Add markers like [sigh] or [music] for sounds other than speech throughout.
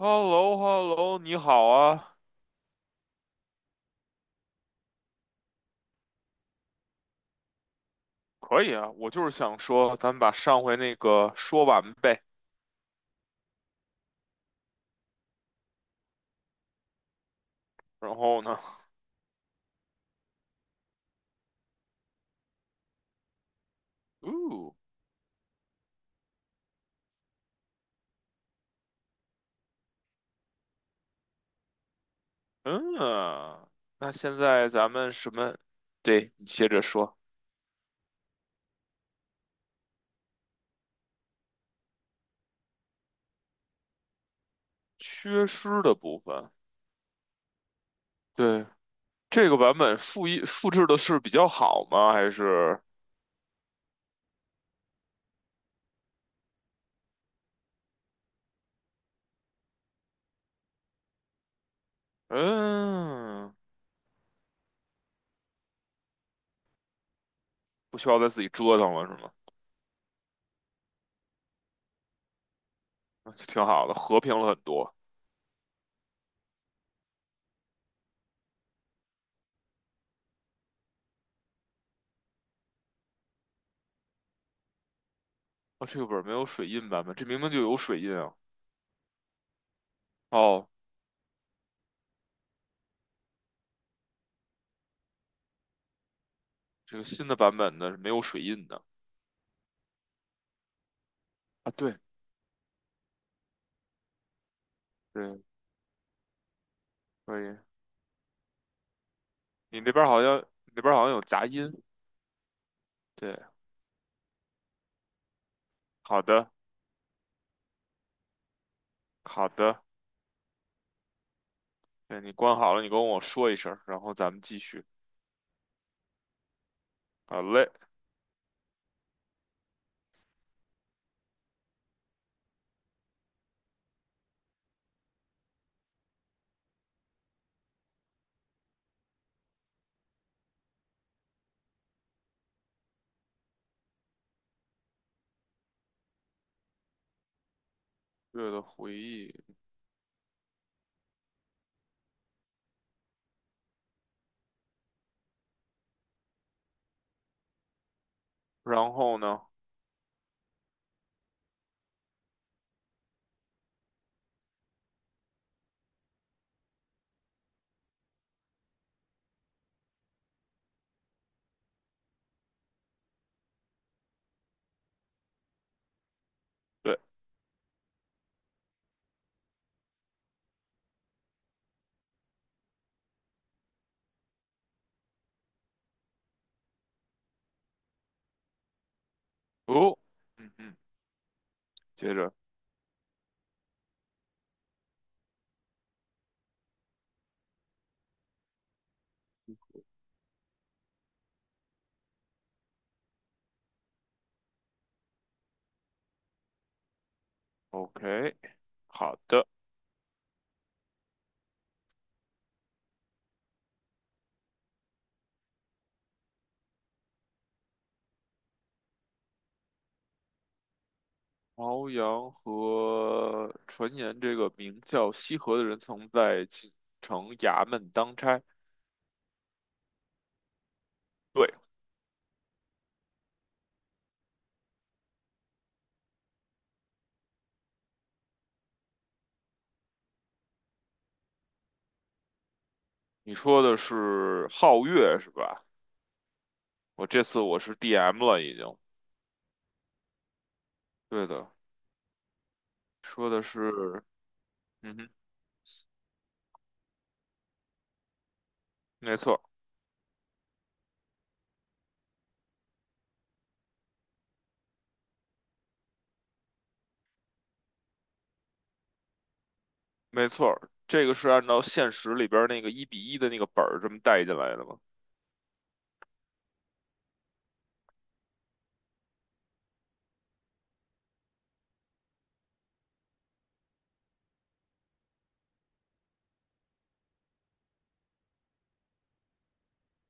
h e l l o h e l l o 你好啊。可以啊，我就是想说，咱们把上回那个说完呗。然后呢？哦，嗯。那现在咱们什么？对，你接着说。缺失的部分。对，这个版本复制的是比较好吗？还是嗯，不需要再自己折腾了是吗？那就挺好的，和平了很多。啊，这个本儿没有水印版本，这明明就有水印啊。哦，这个新的版本呢是没有水印的。啊，对对，可以。你那边儿好像，你那边儿好像有杂音。对，好的，好的。对，你关好了，你跟我说一声然后咱们继续。好嘞，月的回忆。然后呢？对，哦，嗯嗯，接着，OK，好的。朝阳和传言，这个名叫西河的人曾在锦城衙门当差。对，你说的是皓月是吧？我这次是 DM 了，已经。对的。说的是，嗯哼，没错，没错。这个是按照现实里边儿那个一比一的那个本儿这么带进来的吗？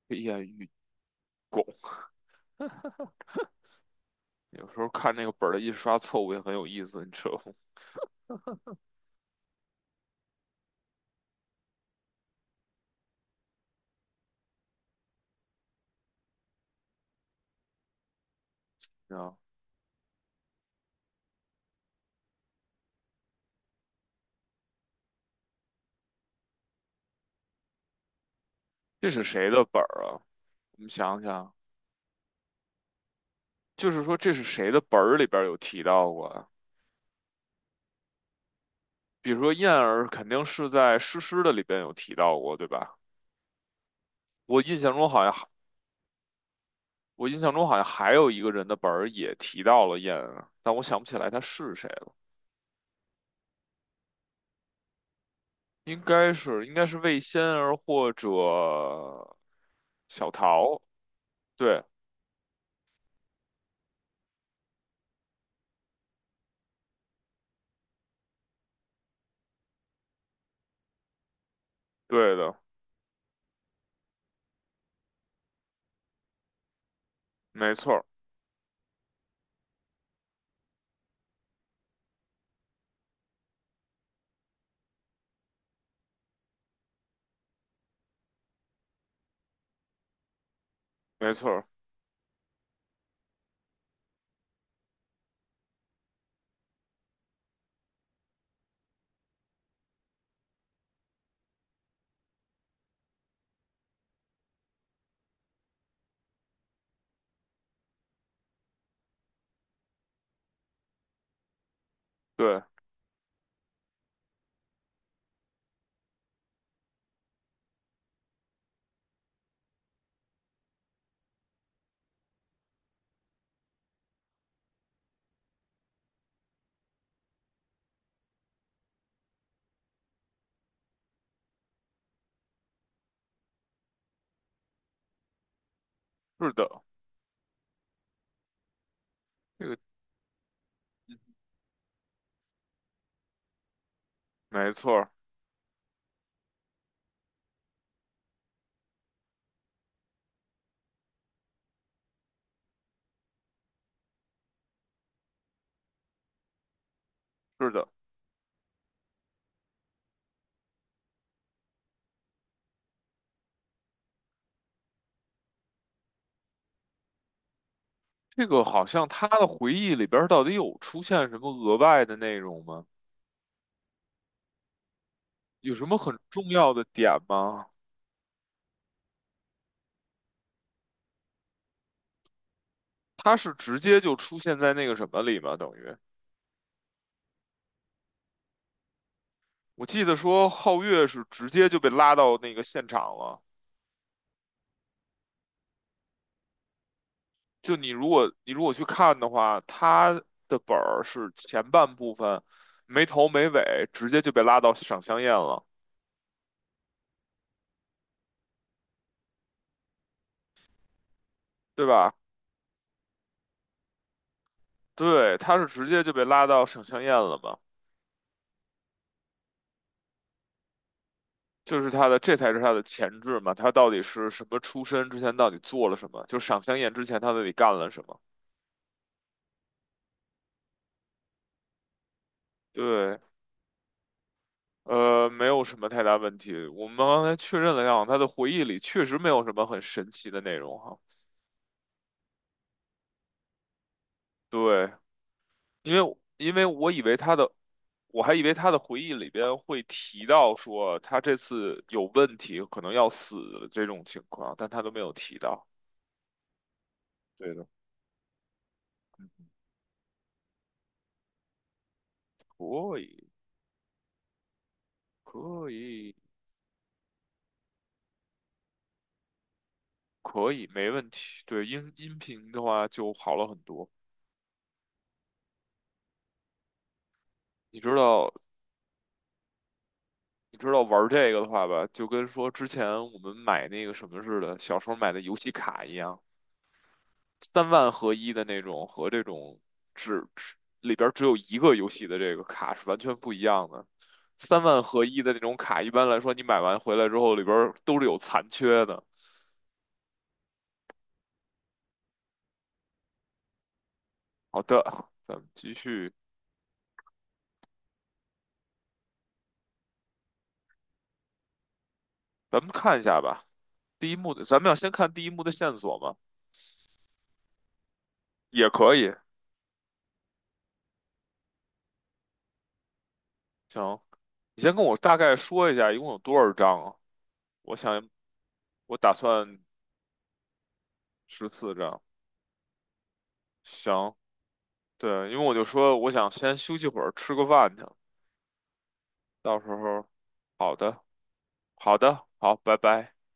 飞燕与狗 [laughs] 有时候看那个本儿的印刷错误也很有意思，你知道吗？啊，这是谁的本儿啊？我们想想，就是说这是谁的本儿里边儿有提到过啊？比如说燕儿肯定是在诗诗的里边有提到过，对吧？我印象中好像还我印象中好像还有一个人的本儿也提到了燕儿啊，但我想不起来他是谁。应该是魏仙儿或者小桃，对，对的，没错儿，没错儿，对，是的，这个没错儿，是的。这个好像他的回忆里边儿到底有出现什么额外的内容吗？有什么很重要的点吗？他是直接就出现在那个什么里吗？等于我记得说皓月是直接就被拉到那个现场了。就你如果去看的话，他的本儿是前半部分没头没尾，直接就被拉到赏香宴了，对吧？对，他是直接就被拉到赏香宴了嘛，就是他的这才是他的前置嘛，他到底是什么出身，之前到底做了什么，就赏香宴之前他到底干了什么？对。没有什么太大问题。我们刚才确认了一下，他的回忆里确实没有什么很神奇的内容哈。对，因为我以为他的，我还以为他的回忆里边会提到说他这次有问题，可能要死这种情况，但他都没有提到。对的，可以，可以，可以，没问题。对，音频的话就好了很多。你知道，你知道玩这个的话吧，就跟说之前我们买那个什么似的，小时候买的游戏卡一样。三万合一的那种和这种只里边儿只有一个游戏的这个卡是完全不一样的。三万合一的那种卡，一般来说你买完回来之后里边儿都是有残缺的。好的，咱们继续，咱们看一下吧。第一幕的，咱们要先看第一幕的线索吗？也可以，行。你先跟我大概说一下一共有多少张啊？我想我打算十四张。行，对，因为我就说我想先休息会儿，吃个饭去。到时候，好的，好的，好，拜拜。